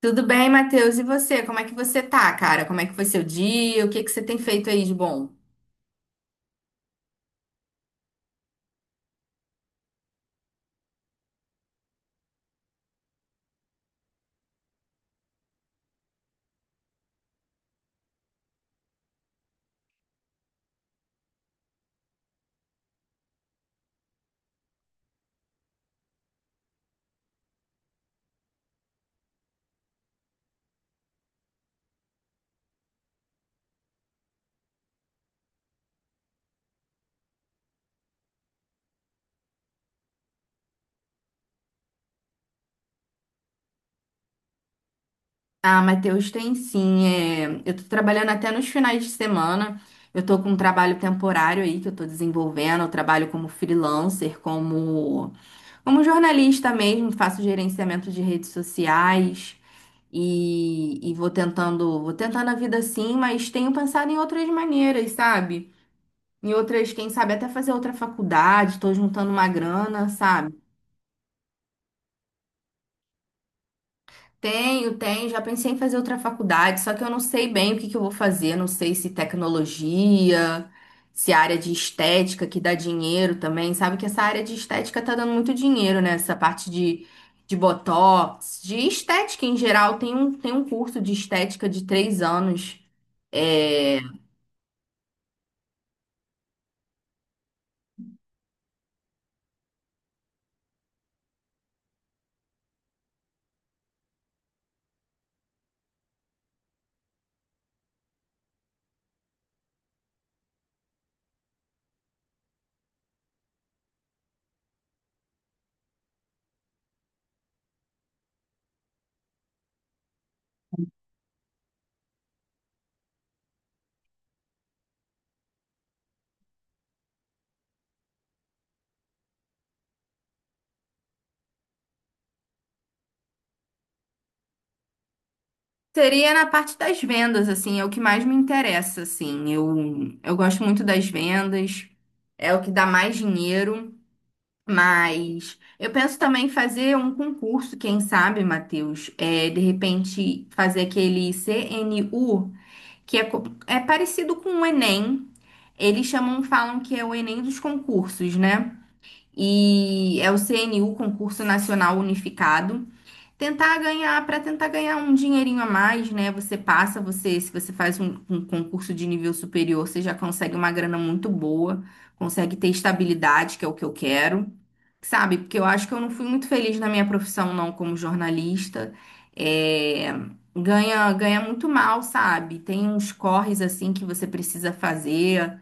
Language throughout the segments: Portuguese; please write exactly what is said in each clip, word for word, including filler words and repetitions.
Tudo bem, Matheus? E você? Como é que você tá, cara? Como é que foi seu dia? O que que você tem feito aí de bom? Ah, Matheus, tem sim. é, Eu tô trabalhando até nos finais de semana. Eu tô com um trabalho temporário aí que eu tô desenvolvendo. Eu trabalho como freelancer, como, como jornalista mesmo, faço gerenciamento de redes sociais e, e vou tentando, vou tentando a vida assim, mas tenho pensado em outras maneiras, sabe? Em outras, quem sabe até fazer outra faculdade, tô juntando uma grana, sabe? Tenho, tenho. Já pensei em fazer outra faculdade, só que eu não sei bem o que que eu vou fazer. Não sei se tecnologia, se área de estética que dá dinheiro também. Sabe que essa área de estética tá dando muito dinheiro, né? Essa parte de, de botox, de estética em geral. Tem um, tem um curso de estética de três anos. É, seria na parte das vendas, assim, é o que mais me interessa, assim. Eu, eu gosto muito das vendas, é o que dá mais dinheiro. Mas eu penso também em fazer um concurso, quem sabe, Matheus, é, de repente fazer aquele C N U, que é, co- é parecido com o Enem. Eles chamam, falam que é o Enem dos concursos, né? E é o C N U, Concurso Nacional Unificado. Tentar ganhar, para tentar ganhar um dinheirinho a mais, né? Você passa, você, se você faz um, um concurso de nível superior, você já consegue uma grana muito boa, consegue ter estabilidade, que é o que eu quero. Sabe, porque eu acho que eu não fui muito feliz na minha profissão, não, como jornalista. É, ganha, ganha muito mal, sabe? Tem uns corres assim que você precisa fazer,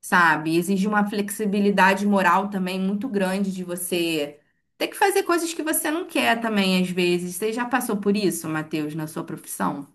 sabe? Exige uma flexibilidade moral também muito grande de você ter que fazer coisas que você não quer também, às vezes. Você já passou por isso, Matheus, na sua profissão?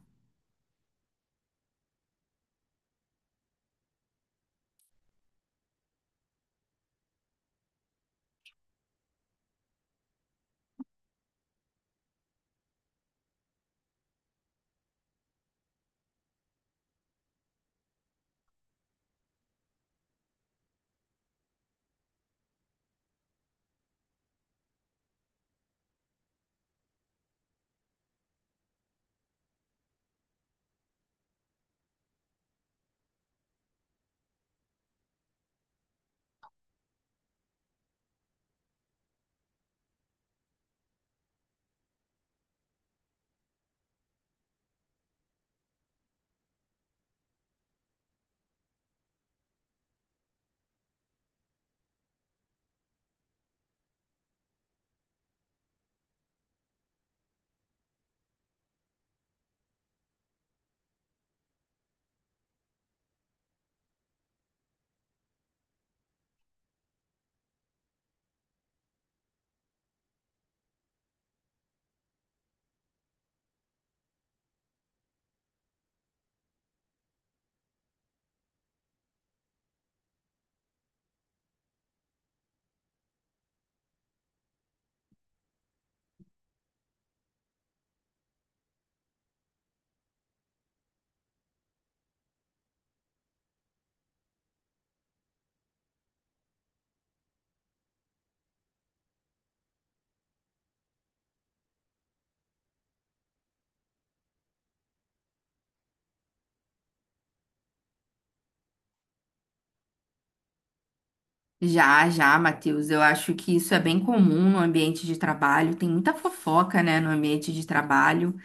Já, já, Matheus. Eu acho que isso é bem comum no ambiente de trabalho. Tem muita fofoca, né, no ambiente de trabalho.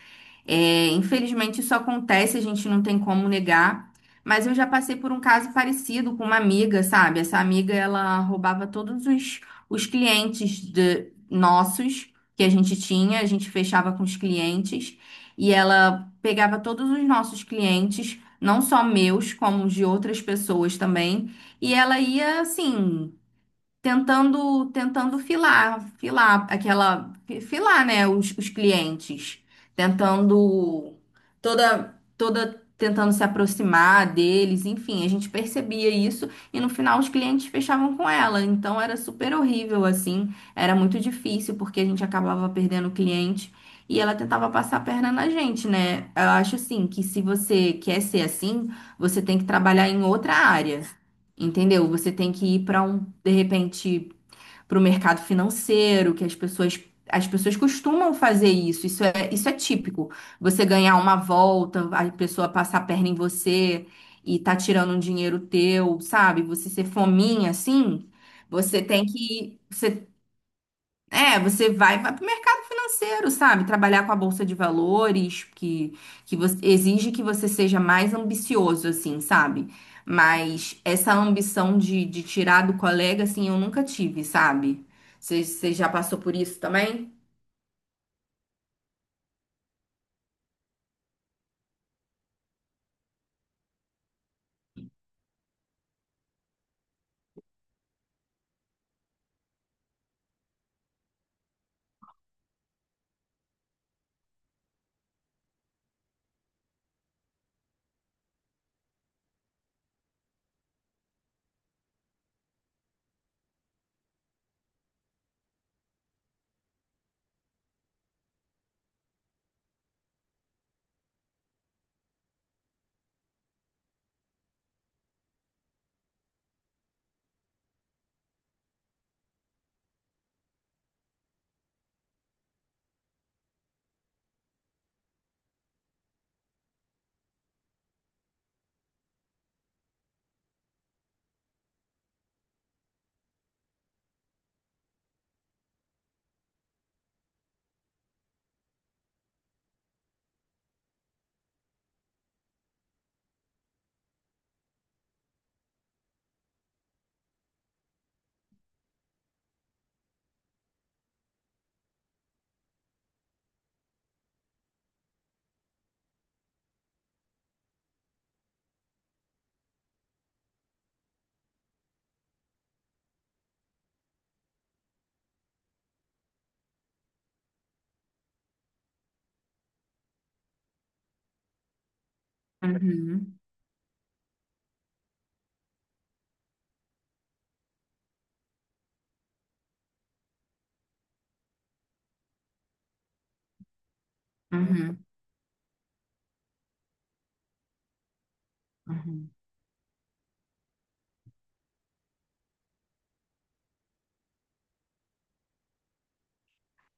É, infelizmente isso acontece, a gente não tem como negar. Mas eu já passei por um caso parecido com uma amiga, sabe? Essa amiga, ela roubava todos os, os clientes de- nossos que a gente tinha, a gente fechava com os clientes e ela pegava todos os nossos clientes, não só meus, como os de outras pessoas também, e ela ia assim tentando tentando filar, filar aquela filar, né, os, os clientes, tentando toda toda tentando se aproximar deles, enfim, a gente percebia isso e no final os clientes fechavam com ela, então era super horrível assim, era muito difícil porque a gente acabava perdendo o cliente. E ela tentava passar a perna na gente, né? Eu acho assim que se você quer ser assim, você tem que trabalhar em outra área. Entendeu? Você tem que ir para um, de repente, para o mercado financeiro, que as pessoas, as pessoas costumam fazer isso. Isso é, isso é típico. Você ganhar uma volta, a pessoa passar a perna em você e tá tirando um dinheiro teu, sabe? Você ser fominha assim, você tem que, você é, você vai, vai para o mercado financeiro, sabe? Trabalhar com a bolsa de valores, que, que você- exige que você seja mais ambicioso, assim, sabe? Mas essa ambição de, de tirar do colega, assim, eu nunca tive, sabe? Você você já passou por isso também? Uhum, uhum.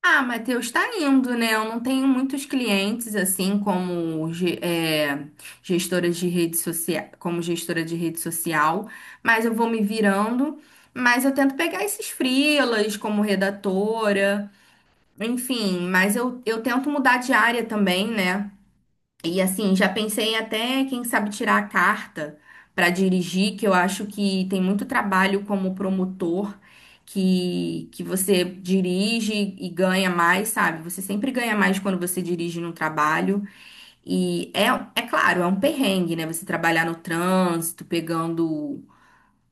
Ah, Matheus, está indo, né? Eu não tenho muitos clientes, assim, como ge- é, gestora de rede social, como gestora de rede social, mas eu vou me virando. Mas eu tento pegar esses freelas como redatora, enfim, mas eu, eu tento mudar de área também, né? E assim, já pensei até, quem sabe, tirar a carta para dirigir, que eu acho que tem muito trabalho como promotor, que, que você dirige e ganha mais, sabe? Você sempre ganha mais quando você dirige num trabalho. E é, é claro, é um perrengue, né? Você trabalhar no trânsito, pegando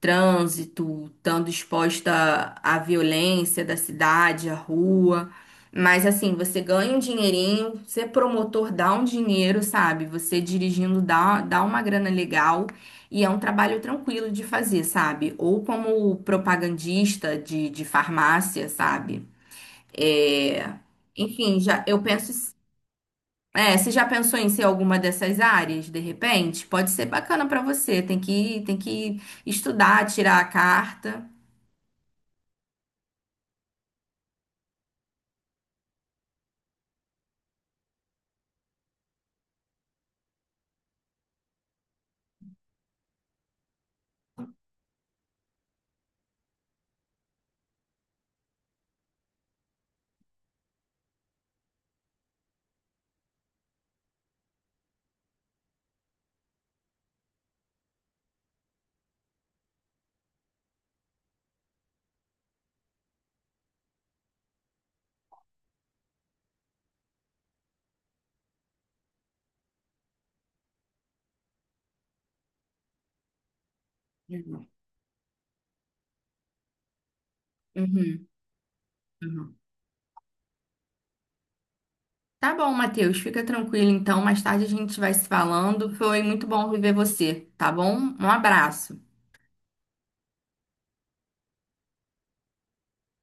trânsito, estando exposta à violência da cidade, à rua. Mas assim, você ganha um dinheirinho, ser promotor dá um dinheiro, sabe? Você dirigindo dá, dá uma grana legal e é um trabalho tranquilo de fazer, sabe? Ou como propagandista de, de farmácia, sabe? É, Enfim, já eu penso é, você já pensou em ser alguma dessas áreas, de repente? Pode ser bacana para você. Tem que, tem que estudar, tirar a carta. Uhum. Uhum, uhum. Tá bom, Matheus. Fica tranquilo, então. Mais tarde a gente vai se falando. Foi muito bom rever você, tá bom? Um abraço.